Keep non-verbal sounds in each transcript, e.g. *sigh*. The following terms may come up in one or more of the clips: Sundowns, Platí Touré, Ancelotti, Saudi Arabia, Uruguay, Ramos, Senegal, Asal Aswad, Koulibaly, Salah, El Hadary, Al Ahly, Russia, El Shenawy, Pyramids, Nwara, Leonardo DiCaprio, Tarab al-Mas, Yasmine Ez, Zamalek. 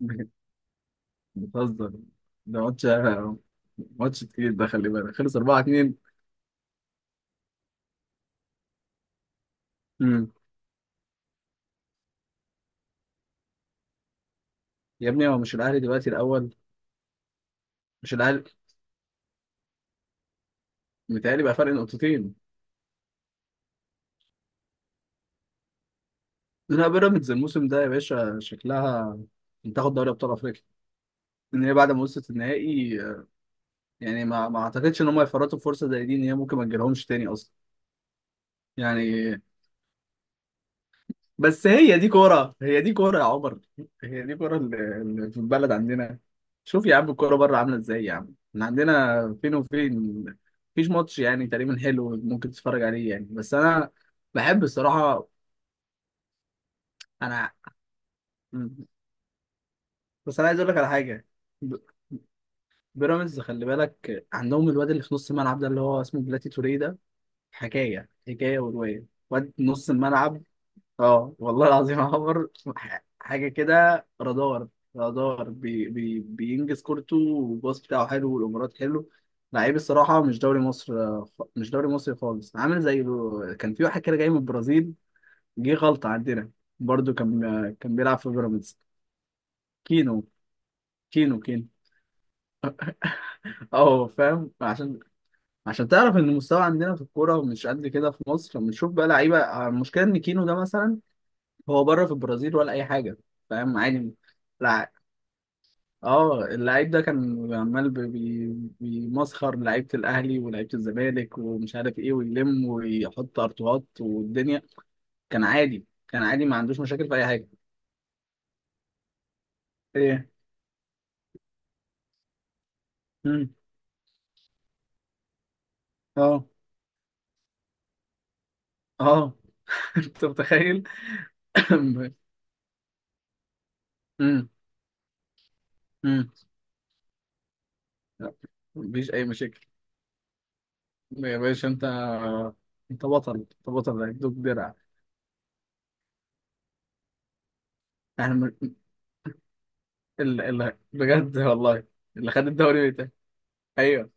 *laughs* بتهزر ده. ماتش ماتش تقيل ده خلي بالك، خلص 4 2. امم يا ابني هو مش الاهلي دلوقتي الاول؟ مش الاهلي، متهيألي بقى فرق نقطتين. لا بيراميدز الموسم ده يا باشا شكلها تاخد دوري ابطال افريقيا، ان هي بعد ما وصلت النهائي يعني ما اعتقدش ان هم يفرطوا في فرصه زي دي ان هي ممكن ما تجيلهمش تاني اصلا. يعني بس هي دي كورة، هي دي كورة يا عمر، هي دي كورة اللي في البلد عندنا. شوف يا عم الكورة بره عاملة ازاي يا عم، احنا عندنا فين وفين. مفيش ماتش يعني تقريبا حلو ممكن تتفرج عليه يعني، بس انا بحب الصراحة. انا بس انا عايز اقول لك على حاجة. ب- بيراميدز خلي بالك عندهم الواد اللي في نص الملعب ده اللي هو اسمه بلاتي توريه ده، حكاية حكاية ورواية، واد نص الملعب. اه والله العظيم عمر، حاجه كده رادار. رادار، بي بي بينجز كورته، والباص بتاعه حلو، والامارات حلو. لعيب الصراحه، مش دوري مصر، مش دوري مصري خالص، عامل زي كان في واحد كده جاي من البرازيل، جه غلطه عندنا، برضو كان، كان بيلعب في بيراميدز. كينو كينو كينو، اه فاهم. عشان عشان تعرف ان المستوى عندنا في الكوره مش قد كده، في مصر بنشوف بقى لعيبه، المشكله ان كينو ده مثلا هو بره في البرازيل ولا اي حاجه. فاهم عادي. اه اللعيب ده كان عمال بيمسخر لعيبه الاهلي ولعيبه الزمالك ومش عارف ايه، ويلم ويحط ارتوهات والدنيا. كان عادي، كان عادي، ما عندوش مشاكل في اي حاجه. ايه؟ امم اه اه، *laughs* انت متخيل. *laughs* امم، امم، لا مفيش اي مشاكل. يا باشا انت، انت بطل، انت بطل هيدوك درع. احنا بجد والله. اللي خد الدوري بتاعي؟ ايوه.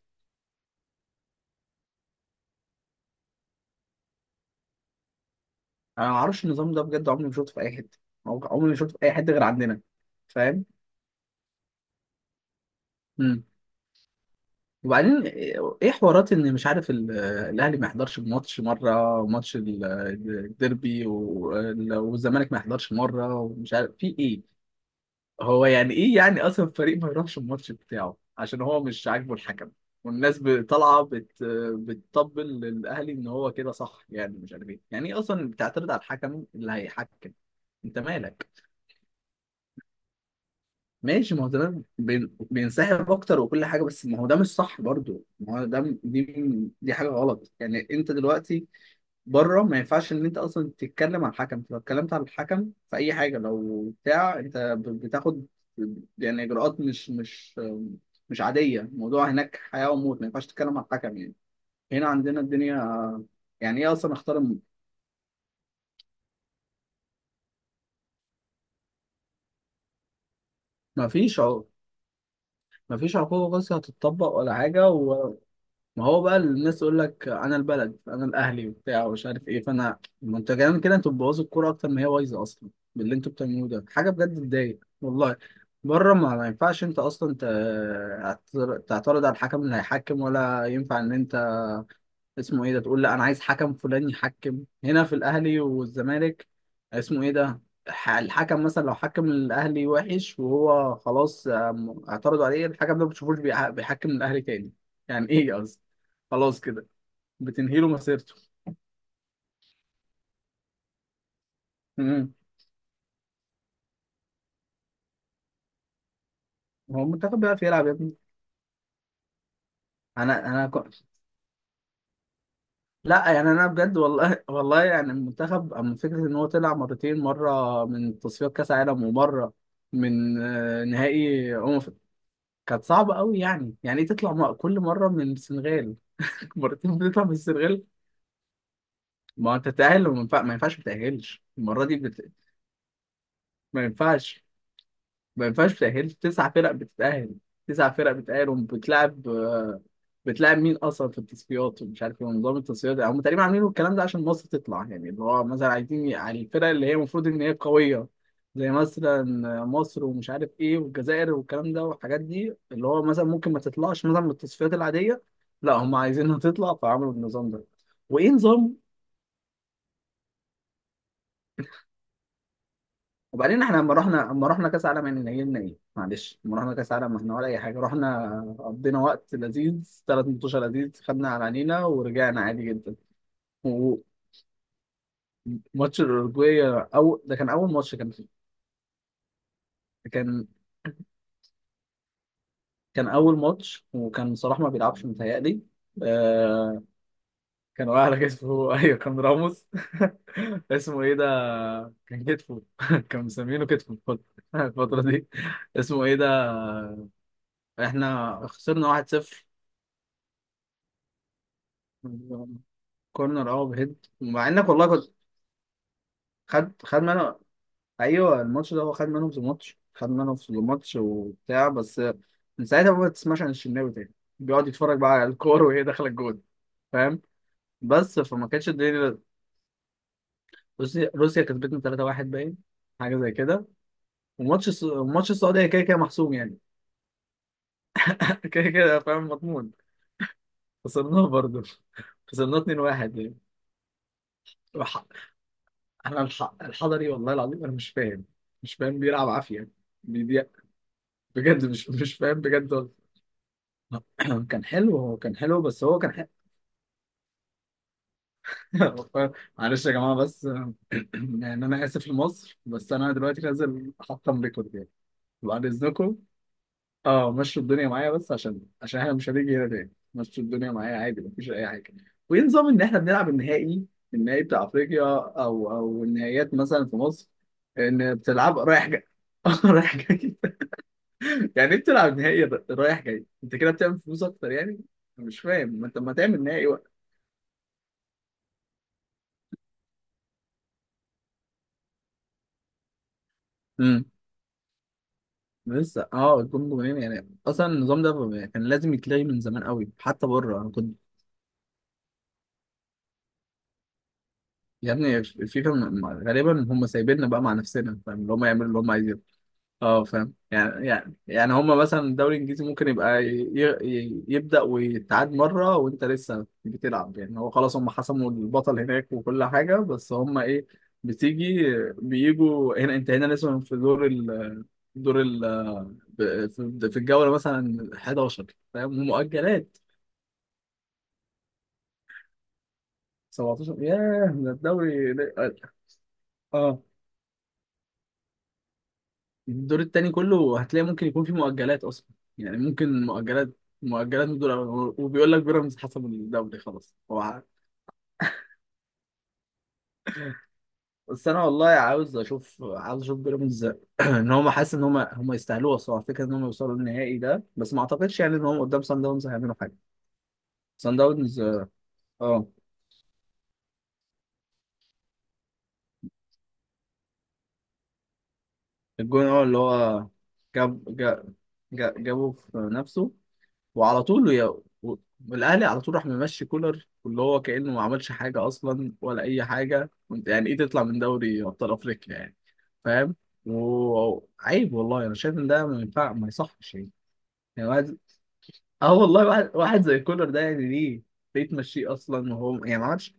انا ما اعرفش النظام ده بجد، عمري ما شفته في اي حته، عمري ما شفته في اي حته غير عندنا. فاهم. امم وبعدين ايه حوارات ان مش عارف الاهلي ما يحضرش ماتش مره، ماتش الديربي، والزمالك ما يحضرش مره، ومش عارف في ايه. هو يعني ايه يعني اصلا الفريق ما يروحش الماتش بتاعه عشان هو مش عاجبه الحكم؟ والناس طالعه بتطبل للاهلي ان هو كده صح، يعني مش عارف ايه، يعني ايه اصلا بتعترض على الحكم اللي هيحكم؟ انت مالك؟ ماشي، ما هو ده بينسحب اكتر وكل حاجه، بس ما هو ده مش صح برضو، ما هو ده دي حاجه غلط يعني. انت دلوقتي بره ما ينفعش ان انت اصلا تتكلم على الحكم، لو اتكلمت على الحكم في اي حاجه لو بتاع انت بتاخد يعني اجراءات مش عاديه، الموضوع هناك حياه وموت، ما ينفعش تتكلم على الحكم يعني. هنا عندنا الدنيا يعني ايه اصلا اختار. ما فيش عقوق، ما فيش عقوبه قاسية هتتطبق ولا حاجه. ما هو بقى الناس تقول لك انا البلد، انا الاهلي، وبتاع، ومش عارف ايه، فانا، ما انتوا كمان كده، انتوا بتبوظوا الكوره اكتر ما هي بايظه اصلا باللي انتوا بتعملوه ده، حاجه بجد تضايق والله. بره ما ينفعش انت اصلا تعترض على الحكم اللي هيحكم، ولا ينفع ان انت اسمه ايه ده تقول لا انا عايز حكم فلان يحكم هنا في الاهلي والزمالك. اسمه ايه ده؟ الحكم مثلا لو حكم الاهلي وحش وهو خلاص، اعترضوا عليه، الحكم ده ما بتشوفوش بيحكم الاهلي تاني يعني، ايه قصدي، خلاص كده بتنهي له مسيرته. امم هو المنتخب بيعرف يلعب يا ابني. انا كنت، لا يعني انا بجد والله *laughs* والله، يعني المنتخب اما فكره ان هو طلع مرتين، مره من تصفيات كاس عالم، ومره من نهائي. كانت صعبة قوي، يعني يعني ايه تطلع كل مرة من السنغال؟ *laughs* مرتين بتطلع من السنغال. ما هو انت تتأهل، ما ينفعش ما تتأهلش المرة دي ما ينفعش. ما ينفعش تتأهل، تسع فرق بتتأهل، تسع فرق بتتأهل وبتلعب، بتلعب مين أصلا في التصفيات ومش عارف ايه، ونظام التصفيات ده. هم تقريبا عاملين الكلام ده عشان مصر تطلع، يعني اللي هو مثلا عايزين على الفرق اللي هي المفروض إن هي قوية، زي مثلا مصر، ومش عارف ايه، والجزائر، والكلام ده والحاجات دي، اللي هو مثلا ممكن ما تطلعش مثلا من التصفيات العادية، لا هم عايزينها تطلع فعملوا النظام ده. وإيه نظام. وبعدين احنا لما رحنا، لما رحنا كاس عالم يعني نيلنا ايه؟ معلش لما رحنا كاس عالم، ما احنا ولا اي حاجه، رحنا قضينا وقت لذيذ، ثلاث ماتشات لذيذ، خدنا على عينينا ورجعنا عادي جدا. وماتش الاوروجواي، او ده كان اول ماتش كان فيه، كان، كان اول ماتش وكان صلاح ما بيلعبش متهيألي. آه كان واقع على كتفه. *laughs* ايوه كان راموس. *laughs* اسمه ايه ده، كان كتفه. *laughs* كان مسمينه كتفه الفترة. *laughs* الفترة دي. اسمه ايه ده. احنا خسرنا 1-0، كورنر اه بهيد، مع انك والله كنت، خد خد منه. ايوه الماتش ده هو خد منه، في الماتش خد منه في الماتش وبتاع، بس من ساعتها بقى ما تسمعش عن الشناوي تاني، بيقعد يتفرج بقى على الكور وهي داخله الجون. فاهم. بس فما كانتش الدنيا. روسيا، روسيا كسبتنا 3-1 باين، حاجه زي كده. وماتش السعوديه كده كده محسوم يعني. *laughs* كده كده فاهم مضمون. خسرناه برضه. *laughs* خسرناه 2-1 يعني. وح- انا الحضري والله العظيم انا مش فاهم، مش فاهم بيلعب عافيه، بجد مش فاهم بجد والله. *clears throat* كان حلو، هو كان حلو، بس هو كان حلو. *laughs* معلش يا جماعة بس. *clears throat* يعني أنا آسف لمصر، بس أنا دلوقتي نازل أحطم ريكورد يعني. بعد إذنكم. أه مشوا الدنيا معايا، بس عشان عشان إحنا مش هنيجي هنا تاني، مشوا الدنيا معايا عادي مفيش أي حاجة. وإيه نظام إن إحنا بنلعب النهائي، النهائي بتاع أفريقيا، أو أو النهائيات مثلا في مصر، إن بتلعب رايح جاي. *laughs* رايح جاي. يعني انت بتلعب نهائي رايح جاي، انت كده بتعمل فلوس اكتر يعني. أنا مش فاهم، ما انت ما تعمل نهائي بقى. امم لسه اه الجون جونين يعني، اصلا النظام ده كان لازم يتلغي من زمان قوي حتى بره انا كنت. يا ابني الفيفا غالبا هم سايبيننا بقى مع نفسنا، فاهم، اللي هم يعملوا اللي هم عايزينه. اه فاهم، يعني يعني يعني هما مثلا الدوري الانجليزي ممكن يبقى يبدأ ويتعاد مرة وانت لسه بتلعب، يعني هو خلاص هما حسموا البطل هناك وكل حاجة، بس هما ايه بتيجي، بيجوا هنا انت هنا لسه في دور ال في الجولة مثلا 11، فاهم، ومؤجلات. 17 ياه ده الدوري. اه الدور التاني كله، هتلاقي ممكن يكون فيه مؤجلات اصلا، يعني ممكن مؤجلات، مؤجلات من دول، وبيقول لك بيراميدز حسب الدوري، خلاص هو عارف. بس انا والله عاوز اشوف، عاوز اشوف بيراميدز *clears throat* ان هم، حاسس ان هم يستاهلوها الصراحه، فكره ان هم يوصلوا النهائي ده، بس ما اعتقدش يعني ان هم قدام سان داونز هيعملوا حاجه. سان داونز اه. الجون اه اللي هو جاب جابه في نفسه، وعلى طول يا و- والاهلي على طول راح ممشي كولر، واللي هو كانه ما عملش حاجه اصلا ولا اي حاجه، وانت يعني ايه تطلع من دوري ابطال افريقيا يعني؟ فاهم. وعيب والله، انا شايف ان ده ما ينفع ما يصحش يعني. يعني واحد، اه والله واحد، واحد زي كولر ده يعني ليه، ليه تمشيه اصلا وهو يعني ما عملش.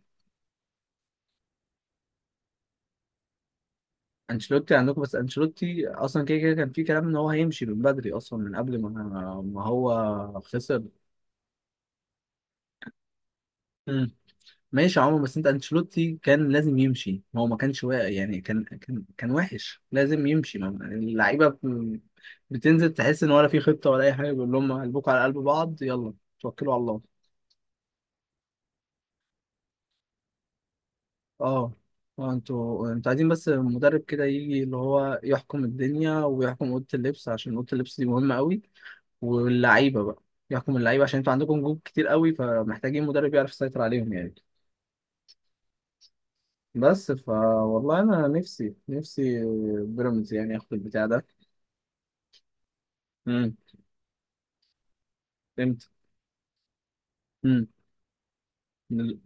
انشيلوتي عندكم، بس انشيلوتي اصلا كده كده كان في كلام ان هو هيمشي من بدري اصلا من قبل ما، ما هو خسر. ماشي يا عمر، بس انت انشيلوتي كان لازم يمشي، هو ما كانش واقع يعني، كان وحش لازم يمشي، ما اللعيبه بتنزل تحس ان ولا في خطه ولا اي حاجه، بيقول لهم قلبكم على قلب بعض يلا توكلوا على الله. اه اه، انتوا عايزين بس مدرب كده يجي اللي هو يحكم الدنيا ويحكم اوضه اللبس، عشان اوضه اللبس دي مهمه قوي، واللعيبه بقى، يحكم اللعيبه، عشان انتوا عندكم جوب كتير قوي، فمحتاجين مدرب يعرف يسيطر عليهم يعني. بس فا، والله انا نفسي نفسي بيراميدز يعني ياخد البتاع ده. امم امتى؟ امم نل-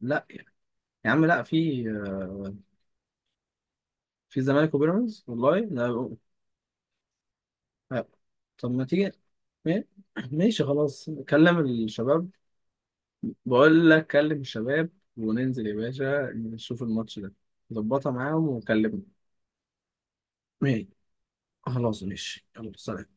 لا يا عم لا، في، في زمالك وبيراميدز والله، لا لا. طب ما تيجي، ما- ماشي خلاص كلم الشباب. بقول لك كلم الشباب وننزل يا باشا نشوف الماتش ده، ظبطها معاهم وكلمني. ماشي خلاص، ماشي، يلا سلام.